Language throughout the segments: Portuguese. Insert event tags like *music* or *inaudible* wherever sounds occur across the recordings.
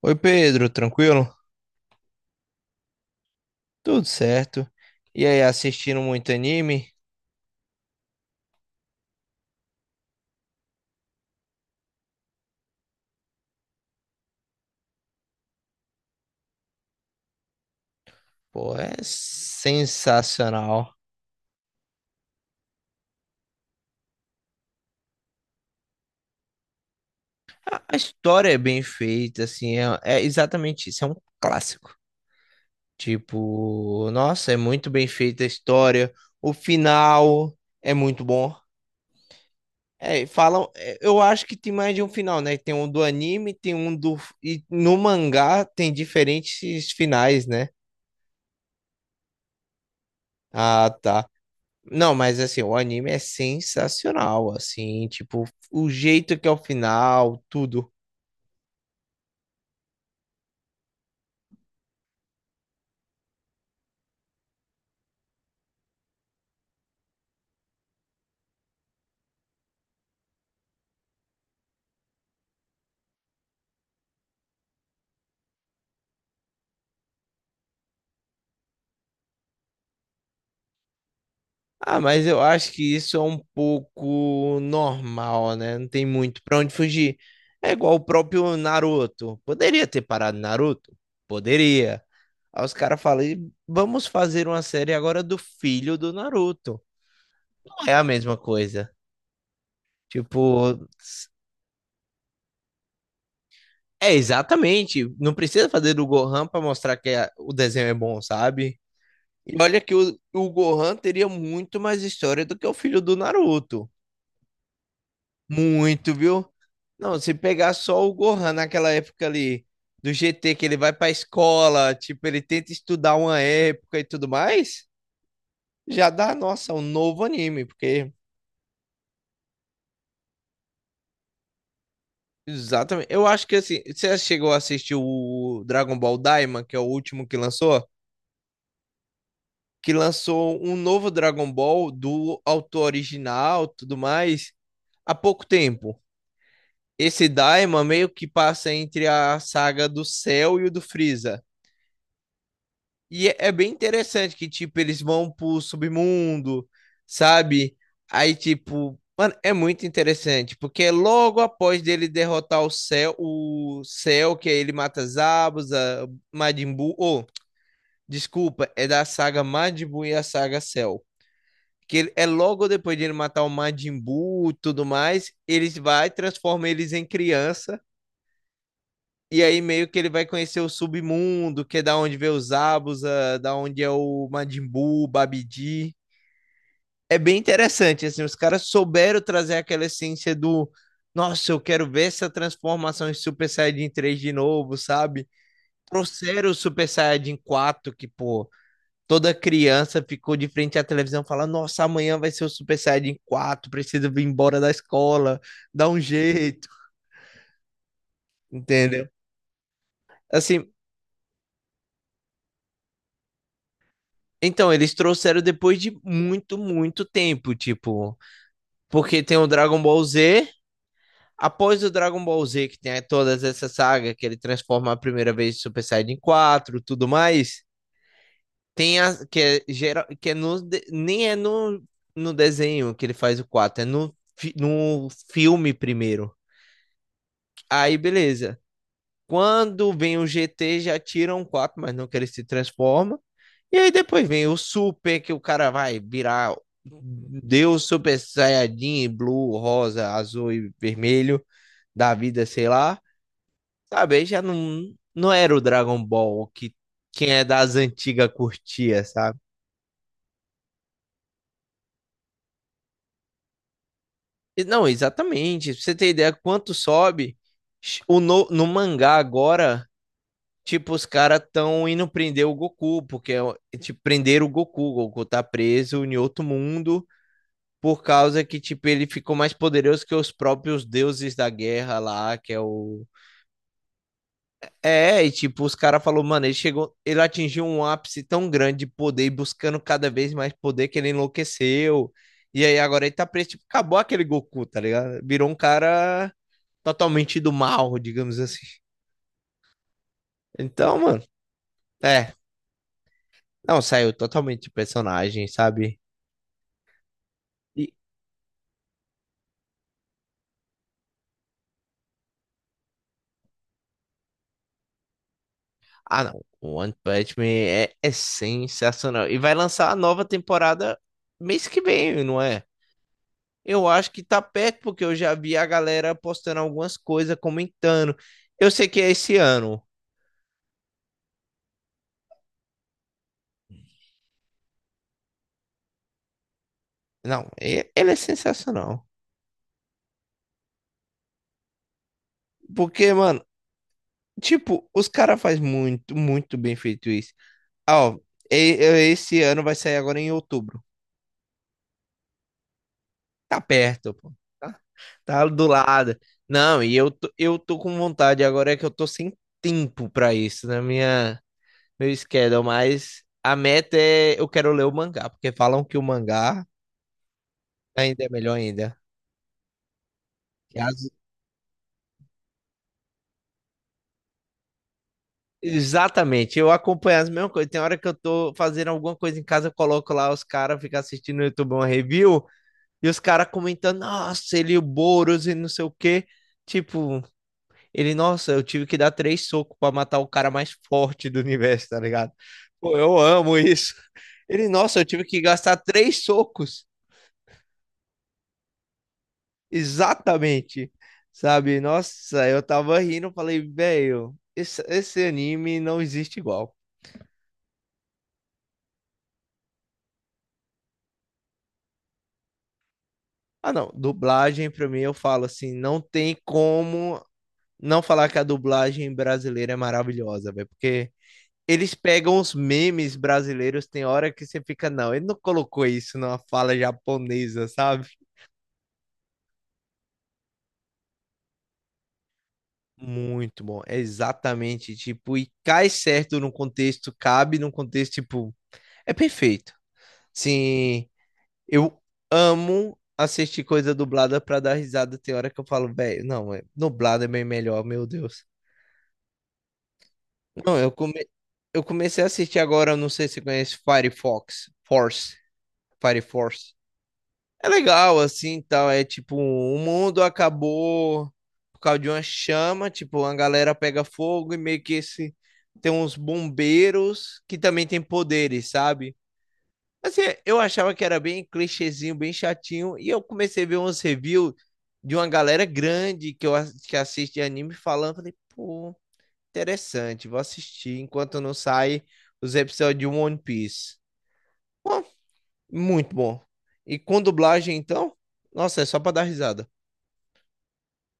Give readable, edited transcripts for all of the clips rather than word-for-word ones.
Oi, Pedro, tranquilo? Tudo certo. E aí, assistindo muito anime? Pô, é sensacional. A história é bem feita, assim, é exatamente isso, é um clássico. Tipo, nossa, é muito bem feita a história. O final é muito bom. Falam, eu acho que tem mais de um final, né? Tem um do anime, tem um do. E no mangá tem diferentes finais, né? Ah, tá. Não, mas assim, o anime é sensacional, assim, tipo, o jeito que é o final, tudo. Ah, mas eu acho que isso é um pouco normal, né? Não tem muito pra onde fugir. É igual o próprio Naruto. Poderia ter parado Naruto? Poderia. Aí os caras falam, "E vamos fazer uma série agora do filho do Naruto." Não é a mesma coisa. Tipo, é exatamente. Não precisa fazer do Gohan pra mostrar que o desenho é bom, sabe? E olha que o Gohan teria muito mais história do que o filho do Naruto. Muito, viu? Não, se pegar só o Gohan naquela época ali do GT, que ele vai pra escola, tipo, ele tenta estudar uma época e tudo mais, já dá, nossa, um novo anime, porque. Exatamente. Eu acho que assim, você chegou a assistir o Dragon Ball Daima, que é o último que lançou? Que lançou um novo Dragon Ball do autor original, tudo mais, há pouco tempo. Esse Daima meio que passa entre a saga do Cell e o do Freeza. E é bem interessante que, tipo, eles vão pro submundo, sabe? Aí, tipo, mano, é muito interessante, porque é logo após dele derrotar o Cell, que aí ele mata Zabuza, Majin Buu, oh, desculpa, é da saga Majin Buu e a saga Cell. Que é logo depois de ele matar o Majin Buu e tudo mais, eles vai transforma eles em criança. E aí meio que ele vai conhecer o submundo, que é da onde vê os Abusa, da onde é o Majin Buu, o Babidi. É bem interessante, assim, os caras souberam trazer aquela essência do, nossa, eu quero ver essa transformação em Super Saiyajin 3 de novo, sabe? Trouxeram o Super Saiyajin 4 que, pô, toda criança ficou de frente à televisão falando, nossa, amanhã vai ser o Super Saiyajin quatro, preciso vir embora da escola, dá um jeito, entendeu? Assim, então, eles trouxeram depois de muito, muito tempo, tipo, porque tem o Dragon Ball Z, após o Dragon Ball Z, que tem todas essas sagas, que ele transforma a primeira vez Super Saiyajin 4, tudo mais, tem a, que é, geral, que é no, nem é no, no desenho que ele faz o 4, é no, no filme primeiro. Aí, beleza. Quando vem o GT, já tiram quatro, mas não que ele se transforma. E aí depois vem o Super, que o cara vai virar Deus Super Saiyajin, Blue, Rosa, Azul e Vermelho da vida, sei lá. Sabe, aí já não, não era o Dragon Ball que quem é das antigas curtia, sabe? Não, exatamente. Pra você ter ideia, quanto sobe, o no, no mangá agora. Tipo, os caras tão indo prender o Goku, porque é, tipo, prenderam o Goku. O Goku tá preso em outro mundo por causa que, tipo, ele ficou mais poderoso que os próprios deuses da guerra lá, que é o. É, e tipo, os caras falaram, mano, ele chegou, ele atingiu um ápice tão grande de poder, buscando cada vez mais poder que ele enlouqueceu. E aí agora ele tá preso, tipo, acabou aquele Goku, tá ligado? Virou um cara totalmente do mal, digamos assim. Então, mano, é, não, saiu totalmente de personagem, sabe? E- não. O One Punch Man é, é sensacional. E vai lançar a nova temporada mês que vem, não é? Eu acho que tá perto, porque eu já vi a galera postando algumas coisas, comentando. Eu sei que é esse ano. Não, ele é sensacional. Porque, mano, tipo, os caras fazem muito, muito bem feito isso. Ah, ó, esse ano vai sair agora em outubro. Tá perto, pô. Tá, tá do lado. Não, e eu, eu tô com vontade, agora é que eu tô sem tempo pra isso na minha, meu schedule, mas a meta é eu quero ler o mangá, porque falam que o mangá ainda é melhor ainda. Que as- Exatamente, eu acompanho as mesmas coisas. Tem hora que eu tô fazendo alguma coisa em casa, eu coloco lá os caras, ficam assistindo no YouTube uma review, e os caras comentando, nossa, ele, e o Boros e não sei o quê. Tipo, ele, nossa, eu tive que dar três socos pra matar o cara mais forte do universo, tá ligado? Pô, eu amo isso. Ele, nossa, eu tive que gastar três socos. Exatamente. Sabe? Nossa, eu tava rindo, falei, velho, esse anime não existe igual. Ah, não, dublagem pra mim eu falo assim, não tem como não falar que a dublagem brasileira é maravilhosa, velho, porque eles pegam os memes brasileiros, tem hora que você fica, não, ele não colocou isso numa fala japonesa, sabe? Muito bom, é exatamente, tipo, e cai certo no contexto, cabe num contexto, tipo, é perfeito. Sim, eu amo assistir coisa dublada pra dar risada, tem hora que eu falo, velho, não, dublado é bem melhor, meu Deus. Não, eu, come... eu comecei a assistir agora, eu não sei se você conhece Firefox, Force, Fire Force. É legal, assim, tal. É tipo, o mundo acabou por causa de uma chama, tipo, a galera pega fogo e meio que esse tem uns bombeiros que também tem poderes, sabe? Assim, eu achava que era bem clichêzinho, bem chatinho, e eu comecei a ver uns reviews de uma galera grande que eu que assiste anime falando, falei, pô, interessante, vou assistir enquanto não sai os episódios de One Piece. Muito bom. E com dublagem, então? Nossa, é só pra dar risada.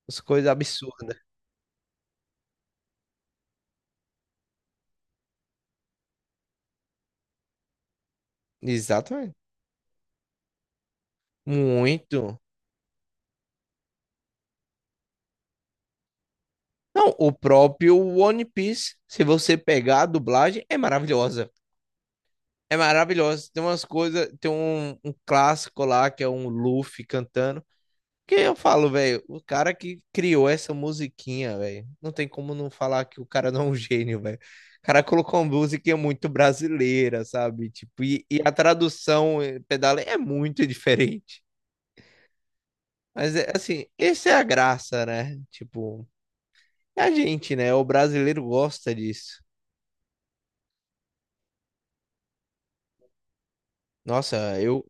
As coisas absurdas. Exatamente. Muito. Não, o próprio One Piece, se você pegar a dublagem, é maravilhosa. É maravilhosa. Tem umas coisas, tem um clássico lá que é um Luffy cantando. Que eu falo, velho, o cara que criou essa musiquinha, velho, não tem como não falar que o cara *laughs* não é um gênio, velho. O cara colocou uma musiquinha muito brasileira, sabe? Tipo, e a tradução pedala é muito *laughs* diferente. Mas, é, assim, essa é a graça, né? Tipo, é a gente, né? O brasileiro gosta disso. Nossa, eu.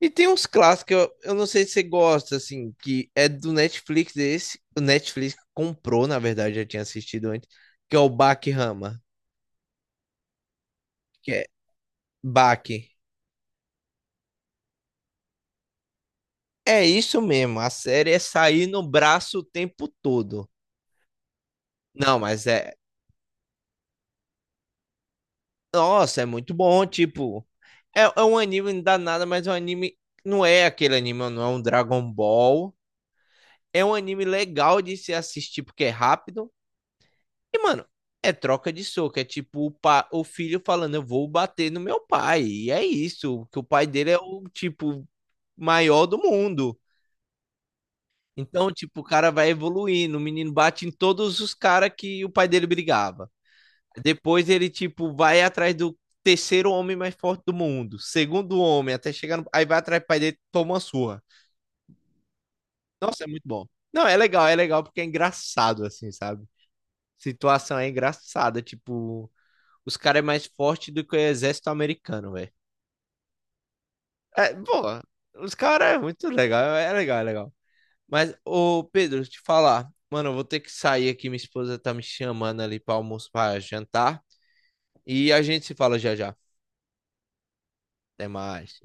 E tem uns clássicos, eu não sei se você gosta, assim, que é do Netflix esse. O Netflix comprou, na verdade, já tinha assistido antes, que é o Bach Rama, Baque. É isso mesmo, a série é sair no braço o tempo todo. Não, mas é. Nossa, é muito bom, tipo. É um anime danado, mas é um anime. Não é aquele anime, não é um Dragon Ball. É um anime legal de se assistir porque é rápido. E, mano, é troca de soco. É tipo o, pa... o filho falando: eu vou bater no meu pai. E é isso, que o pai dele é o tipo maior do mundo. Então, tipo, o cara vai evoluindo. O menino bate em todos os caras que o pai dele brigava. Depois ele, tipo, vai atrás do terceiro homem mais forte do mundo. Segundo homem, até chegar no... Aí vai atrás do pai dele, toma uma surra. Nossa, é muito bom. Não, é legal porque é engraçado, assim, sabe? Situação é engraçada, tipo, os caras é mais forte do que o exército americano, velho. É, pô, os caras é muito legal, é legal, é legal. Mas, ô Pedro, te falar, mano, eu vou ter que sair aqui, minha esposa tá me chamando ali pra almoço, pra jantar, e a gente se fala já já. Até mais.